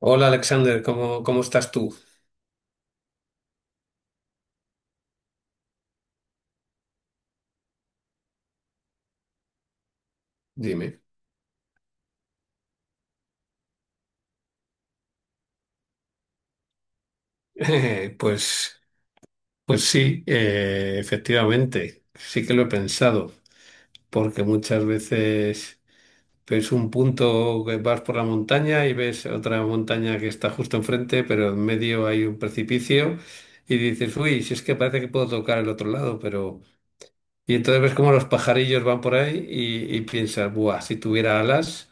Hola Alexander, ¿cómo estás tú? Dime. Eh, pues, pues sí, efectivamente, sí que lo he pensado, porque muchas veces ves un punto que vas por la montaña y ves otra montaña que está justo enfrente, pero en medio hay un precipicio y dices, uy, si es que parece que puedo tocar el otro lado, pero... Y entonces ves cómo los pajarillos van por ahí y piensas, buah, si tuviera alas,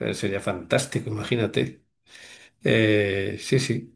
sería fantástico, imagínate. Sí, sí,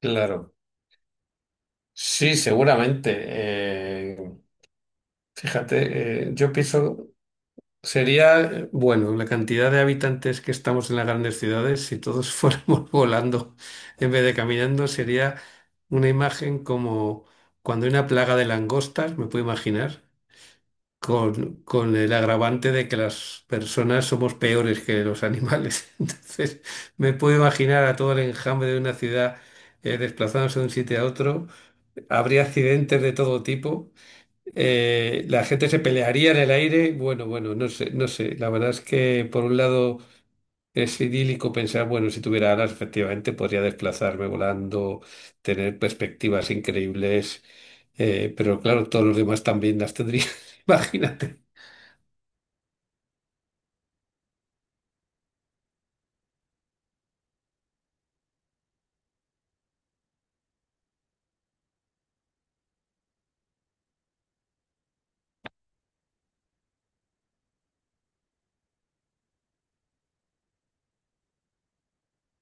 claro. Sí, seguramente. Fíjate, yo pienso, sería, bueno, la cantidad de habitantes que estamos en las grandes ciudades, si todos fuéramos volando en vez de caminando, sería una imagen como cuando hay una plaga de langostas, me puedo imaginar, con el agravante de que las personas somos peores que los animales. Entonces, me puedo imaginar a todo el enjambre de una ciudad desplazándose de un sitio a otro. Habría accidentes de todo tipo. La gente se pelearía en el aire. Bueno, bueno, no sé, no sé. La verdad es que por un lado es idílico pensar, bueno, si tuviera alas, efectivamente podría desplazarme volando, tener perspectivas increíbles. Pero claro, todos los demás también las tendría. Imagínate.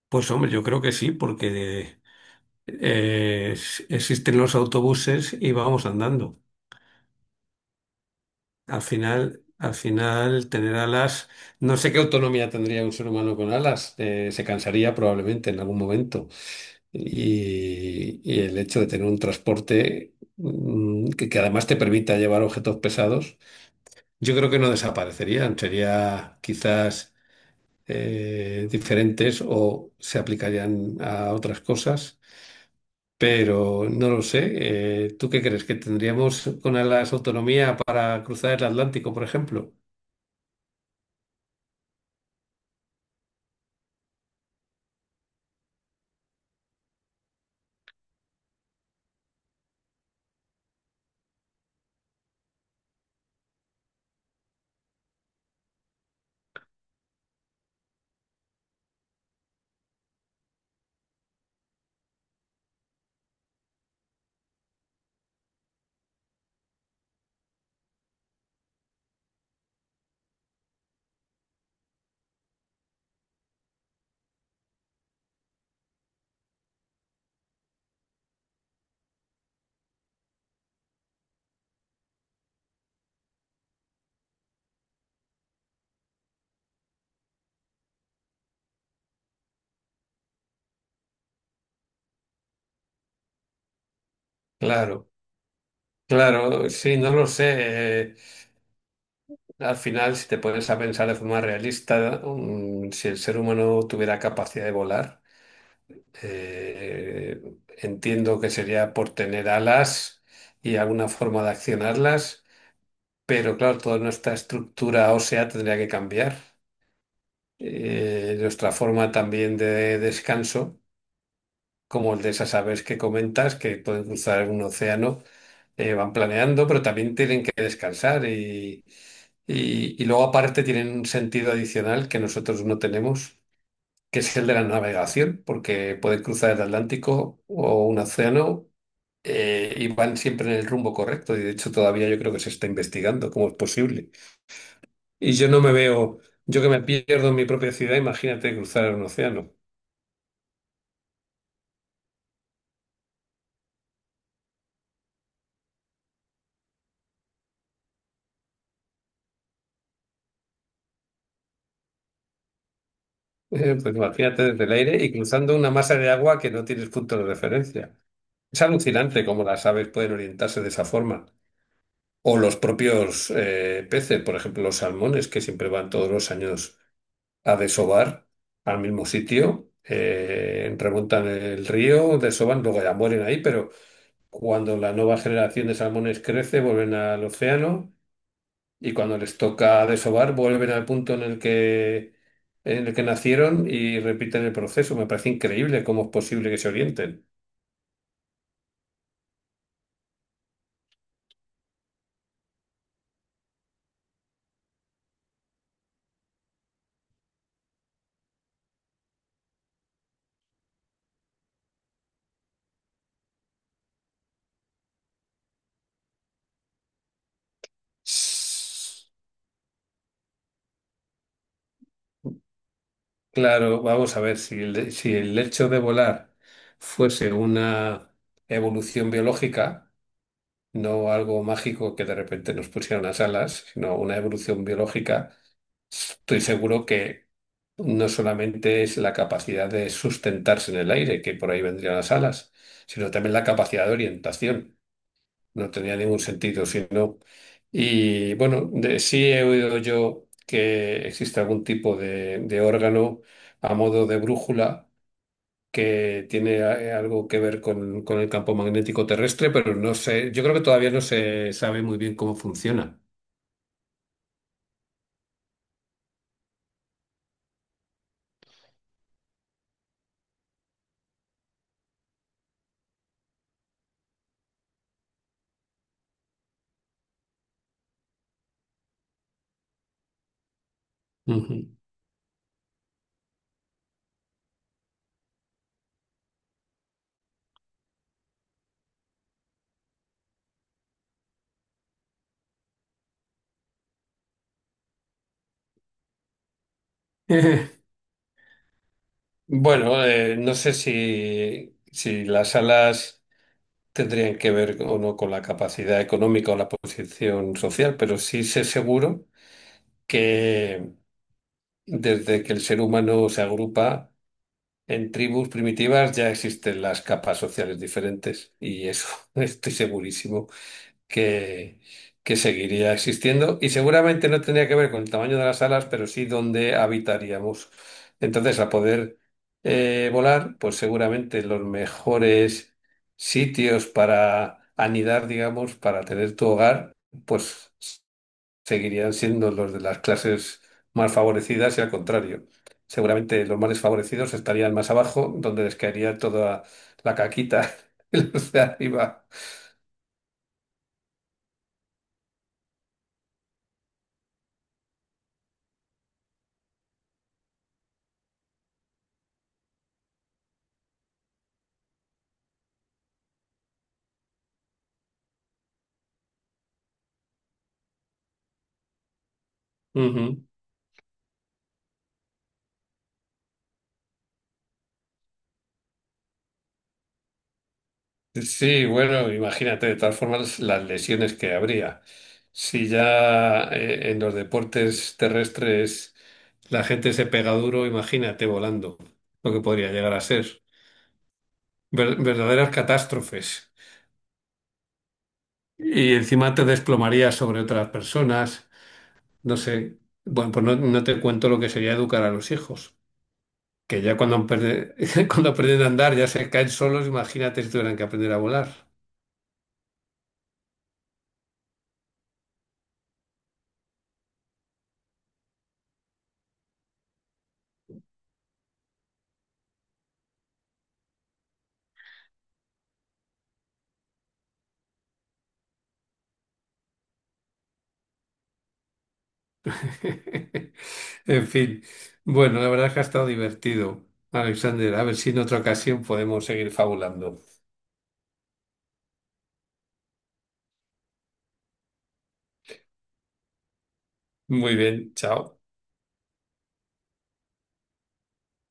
Pues hombre, yo creo que sí, porque existen los autobuses y vamos andando. Al final, tener alas, no sé qué autonomía tendría un ser humano con alas, se cansaría probablemente en algún momento. Y el hecho de tener un transporte que además te permita llevar objetos pesados, yo creo que no desaparecerían, sería quizás diferentes o se aplicarían a otras cosas, pero no lo sé. ¿Tú qué crees? ¿Que tendríamos con alas autonomía para cruzar el Atlántico, por ejemplo? Claro. Claro, sí, no lo sé. Al final, si te pones a pensar de forma realista, si el ser humano tuviera capacidad de volar, entiendo que sería por tener alas y alguna forma de accionarlas, pero claro, toda nuestra estructura ósea tendría que cambiar, nuestra forma también de descanso. Como el de esas aves que comentas, que pueden cruzar un océano, van planeando, pero también tienen que descansar y luego aparte tienen un sentido adicional que nosotros no tenemos, que es el de la navegación, porque pueden cruzar el Atlántico o un océano. Y van siempre en el rumbo correcto y de hecho todavía yo creo que se está investigando cómo es posible. Y yo no me veo, yo que me pierdo en mi propia ciudad, imagínate cruzar un océano. Pues imagínate desde el aire y cruzando una masa de agua que no tienes punto de referencia. Es alucinante cómo las aves pueden orientarse de esa forma. O los propios peces, por ejemplo, los salmones, que siempre van todos los años a desovar al mismo sitio, remontan el río, desovan, luego ya mueren ahí, pero cuando la nueva generación de salmones crece, vuelven al océano y cuando les toca desovar, vuelven al punto en el que nacieron y repiten el proceso. Me parece increíble cómo es posible que se orienten. Claro, vamos a ver, si el hecho de volar fuese una evolución biológica, no algo mágico que de repente nos pusieran las alas, sino una evolución biológica. Estoy seguro que no solamente es la capacidad de sustentarse en el aire, que por ahí vendrían las alas, sino también la capacidad de orientación. No tenía ningún sentido, sino... Y bueno, sí he oído yo que existe algún tipo de órgano a modo de brújula que tiene algo que ver con el campo magnético terrestre, pero no sé, yo creo que todavía no se sabe muy bien cómo funciona. Ujú. Bueno, no sé si las salas tendrían que ver o no con la capacidad económica o la posición social, pero sí sé seguro que desde que el ser humano se agrupa en tribus primitivas ya existen las capas sociales diferentes y eso estoy segurísimo que, que seguiría existiendo y seguramente no tendría que ver con el tamaño de las alas, pero sí donde habitaríamos. Entonces, al poder volar, pues seguramente los mejores sitios para anidar, digamos, para tener tu hogar, pues seguirían siendo los de las clases más favorecidas y al contrario. Seguramente los más desfavorecidos estarían más abajo, donde les caería toda la caquita, y los de arriba. Ujú. Sí, bueno, imagínate, de todas formas, las lesiones que habría. Si ya en los deportes terrestres la gente se pega duro, imagínate volando, lo que podría llegar a ser. Verdaderas catástrofes. Y encima te desplomarías sobre otras personas. No sé. Bueno, pues no, no te cuento lo que sería educar a los hijos, que ya cuando, cuando aprenden a andar ya se caen solos, imagínate si tuvieran que aprender a volar. En fin, bueno, la verdad es que ha estado divertido, Alexander. A ver si en otra ocasión podemos seguir fabulando. Muy bien, chao.